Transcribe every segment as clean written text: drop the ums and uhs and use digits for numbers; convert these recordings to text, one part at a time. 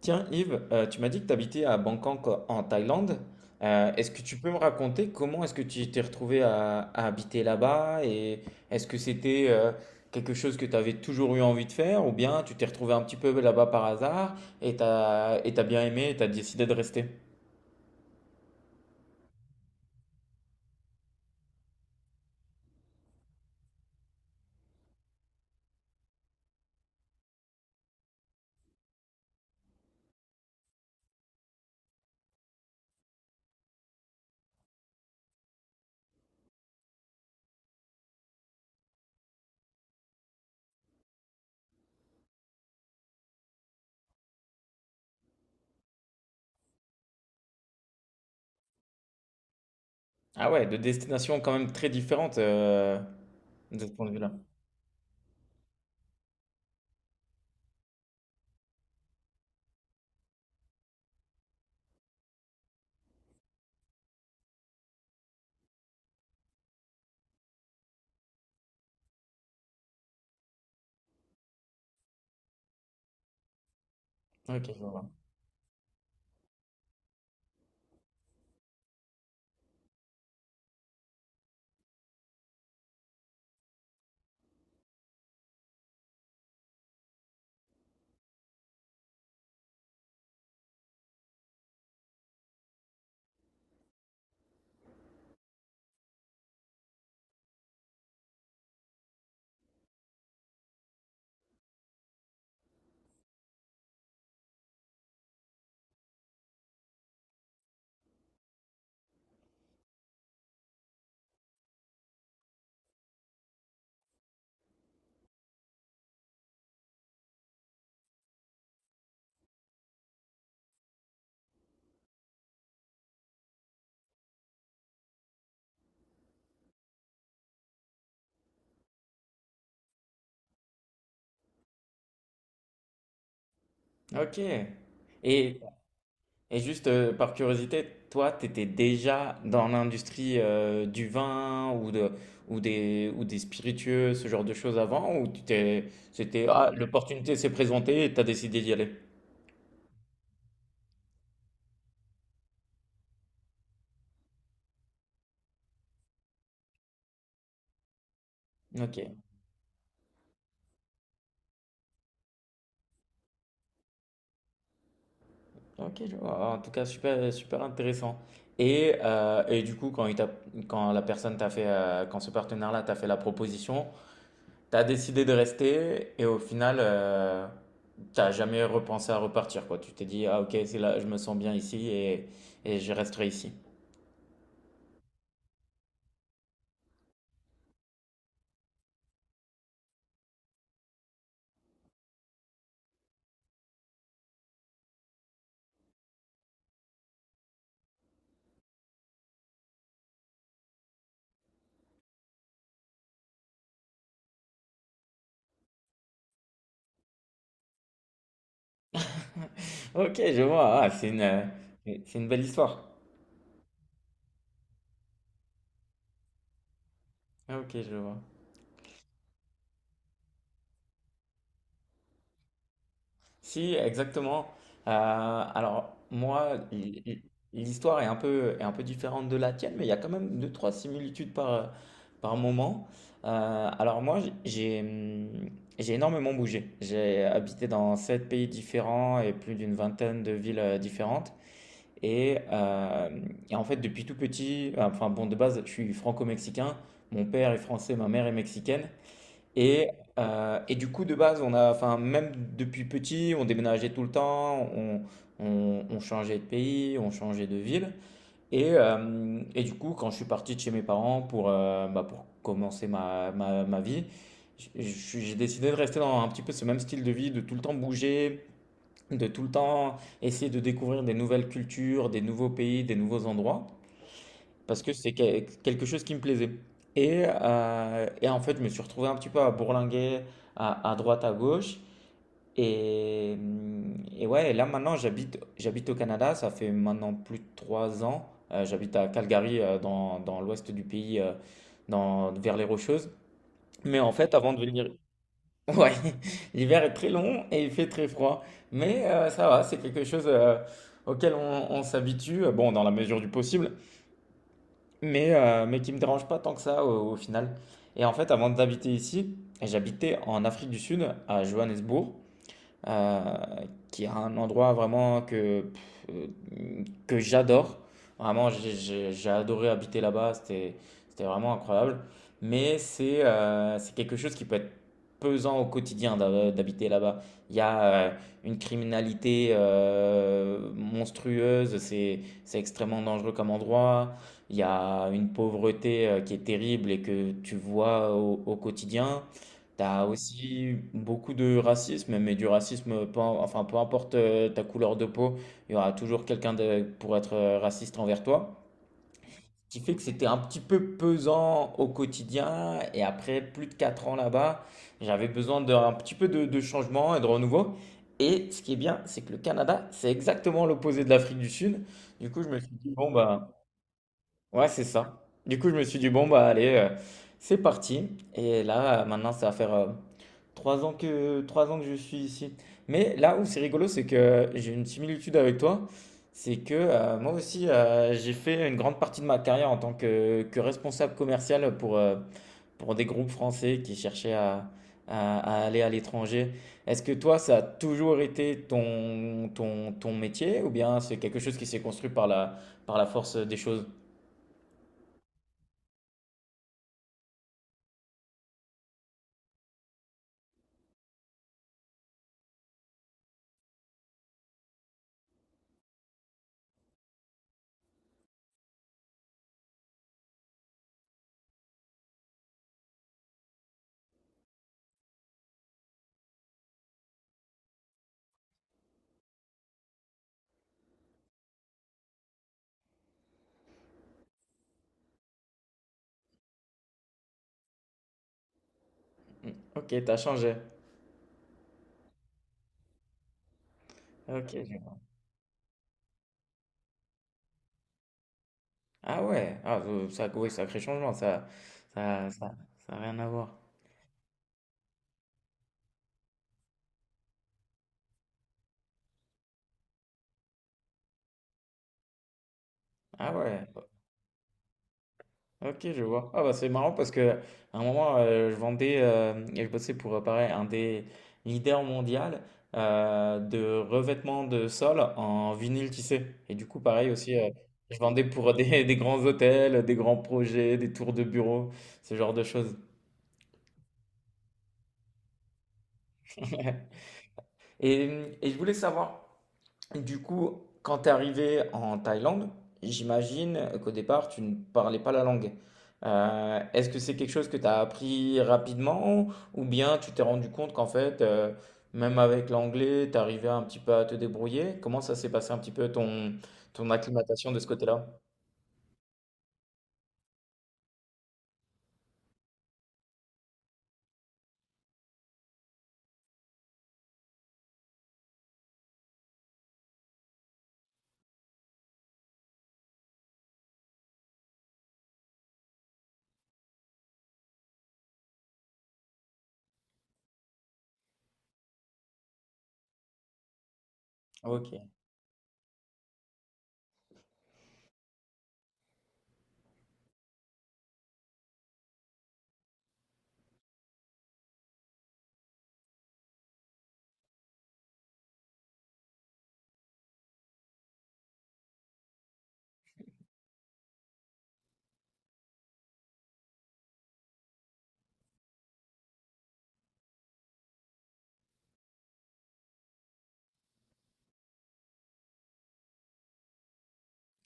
Tiens, Yves, tu m'as dit que tu habitais à Bangkok en Thaïlande. Est-ce que tu peux me raconter comment est-ce que tu t'es retrouvé à habiter là-bas et est-ce que c'était quelque chose que tu avais toujours eu envie de faire ou bien tu t'es retrouvé un petit peu là-bas par hasard et et t'as bien aimé et t'as décidé de rester? Ah ouais, de destinations quand même très différentes de ce point de vue-là. Ok, je vois. Ok. Et, Et juste par curiosité, toi, tu étais déjà dans l'industrie du vin ou de, ou des, spiritueux, ce genre de choses avant, ou c'était, ah, l'opportunité s'est présentée et tu as décidé d'y aller? Ok, ok, je vois. En tout cas, super, super intéressant. Et du coup, quand la personne quand ce partenaire-là t'a fait la proposition, t'as décidé de rester et au final, t'as jamais repensé à repartir, quoi. Tu t'es dit, ah ok, c'est là, je me sens bien ici et je resterai ici. Ok, je vois. Ah, c'est une belle histoire. Ah, ok, je vois. Si, exactement. Euh, alors, moi, l'histoire est un peu différente de la tienne, mais il y a quand même deux, trois similitudes par moment. Alors, moi, j'ai énormément bougé. J'ai habité dans sept pays différents et plus d'une vingtaine de villes différentes. Et, euh, et en fait, depuis tout petit, enfin, bon, de base, je suis franco-mexicain. Mon père est français, ma mère est mexicaine. Et, et du coup, de base, on a, enfin, même depuis petit, on déménageait tout le temps, on changeait de pays, on changeait de ville. Et du coup, quand je suis parti de chez mes parents bah, pour commencer ma vie, j'ai décidé de rester dans un petit peu ce même style de vie, de tout le temps bouger, de tout le temps essayer de découvrir des nouvelles cultures, des nouveaux pays, des nouveaux endroits parce que c'est quelque chose qui me plaisait. Et en fait, je me suis retrouvé un petit peu à bourlinguer à droite, à gauche. Et ouais, et là maintenant, j'habite au Canada. Ça fait maintenant plus de 3 ans. J'habite à Calgary, dans l'ouest du pays, vers les Rocheuses. Mais en fait, avant de venir. Ouais, l'hiver est très long et il fait très froid. Mais ça va, c'est quelque chose auquel on s'habitue, bon, dans la mesure du possible mais qui me dérange pas tant que ça au final. Et en fait, avant d'habiter ici, j'habitais en Afrique du Sud, à Johannesburg, euh, qui est un endroit vraiment que j'adore. Vraiment, j'ai adoré habiter là-bas, c'était, c'était vraiment incroyable. Mais c'est quelque chose qui peut être pesant au quotidien d'habiter là-bas. Il y a une criminalité monstrueuse, c'est extrêmement dangereux comme endroit. Il y a une pauvreté qui est terrible et que tu vois au quotidien. T'as aussi beaucoup de racisme, mais du racisme, enfin, peu importe ta couleur de peau, il y aura toujours quelqu'un pour être raciste envers toi. Ce qui fait que c'était un petit peu pesant au quotidien. Et après plus de 4 ans là-bas, j'avais besoin d'un petit peu de changement et de renouveau. Et ce qui est bien, c'est que le Canada, c'est exactement l'opposé de l'Afrique du Sud. Du coup, je me suis dit, bon, bah, ouais, c'est ça. Du coup, je me suis dit, bon, bah, allez, c'est parti. Et là, maintenant, ça va faire trois ans que je suis ici. Mais là où c'est rigolo, c'est que j'ai une similitude avec toi. C'est que moi aussi, j'ai fait une grande partie de ma carrière en tant que responsable commercial pour des groupes français qui cherchaient à aller à l'étranger. Est-ce que toi, ça a toujours été ton métier ou bien c'est quelque chose qui s'est construit par la force des choses? Ok, t'as changé. Ok. Ah ouais, ah, ça, oui, sacré changement, ça, ça, ça a rien à voir. Ah ouais, ok, je vois. Ah bah c'est marrant parce que à un moment je vendais et je bossais pour pareil un des leaders mondial de revêtement de sol en vinyle tissé. Et du coup pareil aussi, je vendais pour des, des grands hôtels, des grands projets, des tours de bureau, ce genre de choses. Et je voulais savoir du coup, quand tu es arrivé en Thaïlande, j'imagine qu'au départ, tu ne parlais pas la langue. Est-ce que c'est quelque chose que tu as appris rapidement ou bien tu t'es rendu compte qu'en fait, même avec l'anglais, tu arrivais un petit peu à te débrouiller? Comment ça s'est passé un petit peu ton acclimatation de ce côté-là? Ok.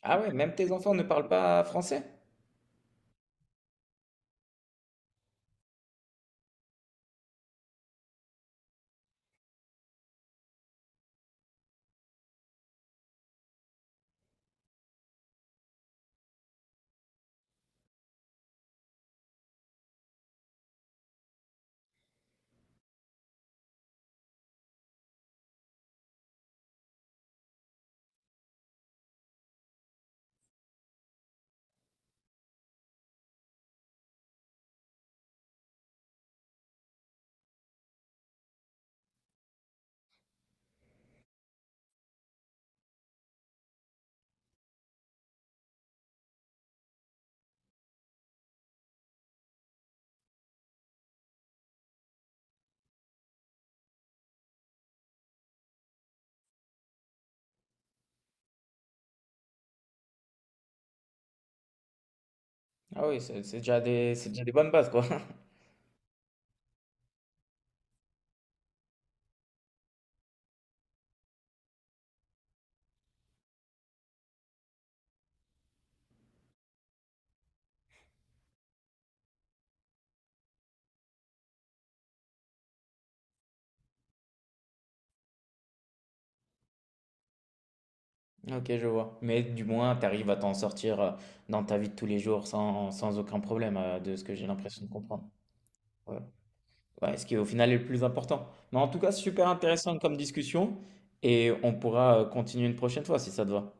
Ah ouais, même tes enfants ne parlent pas français? Ah oui, c'est déjà des bonnes bases, quoi. Ok, je vois. Mais du moins, tu arrives à t'en sortir dans ta vie de tous les jours sans aucun problème, de ce que j'ai l'impression de comprendre. Ouais. Ouais, ce qui au final est le plus important. Mais en tout cas, super intéressant comme discussion et on pourra continuer une prochaine fois si ça te va.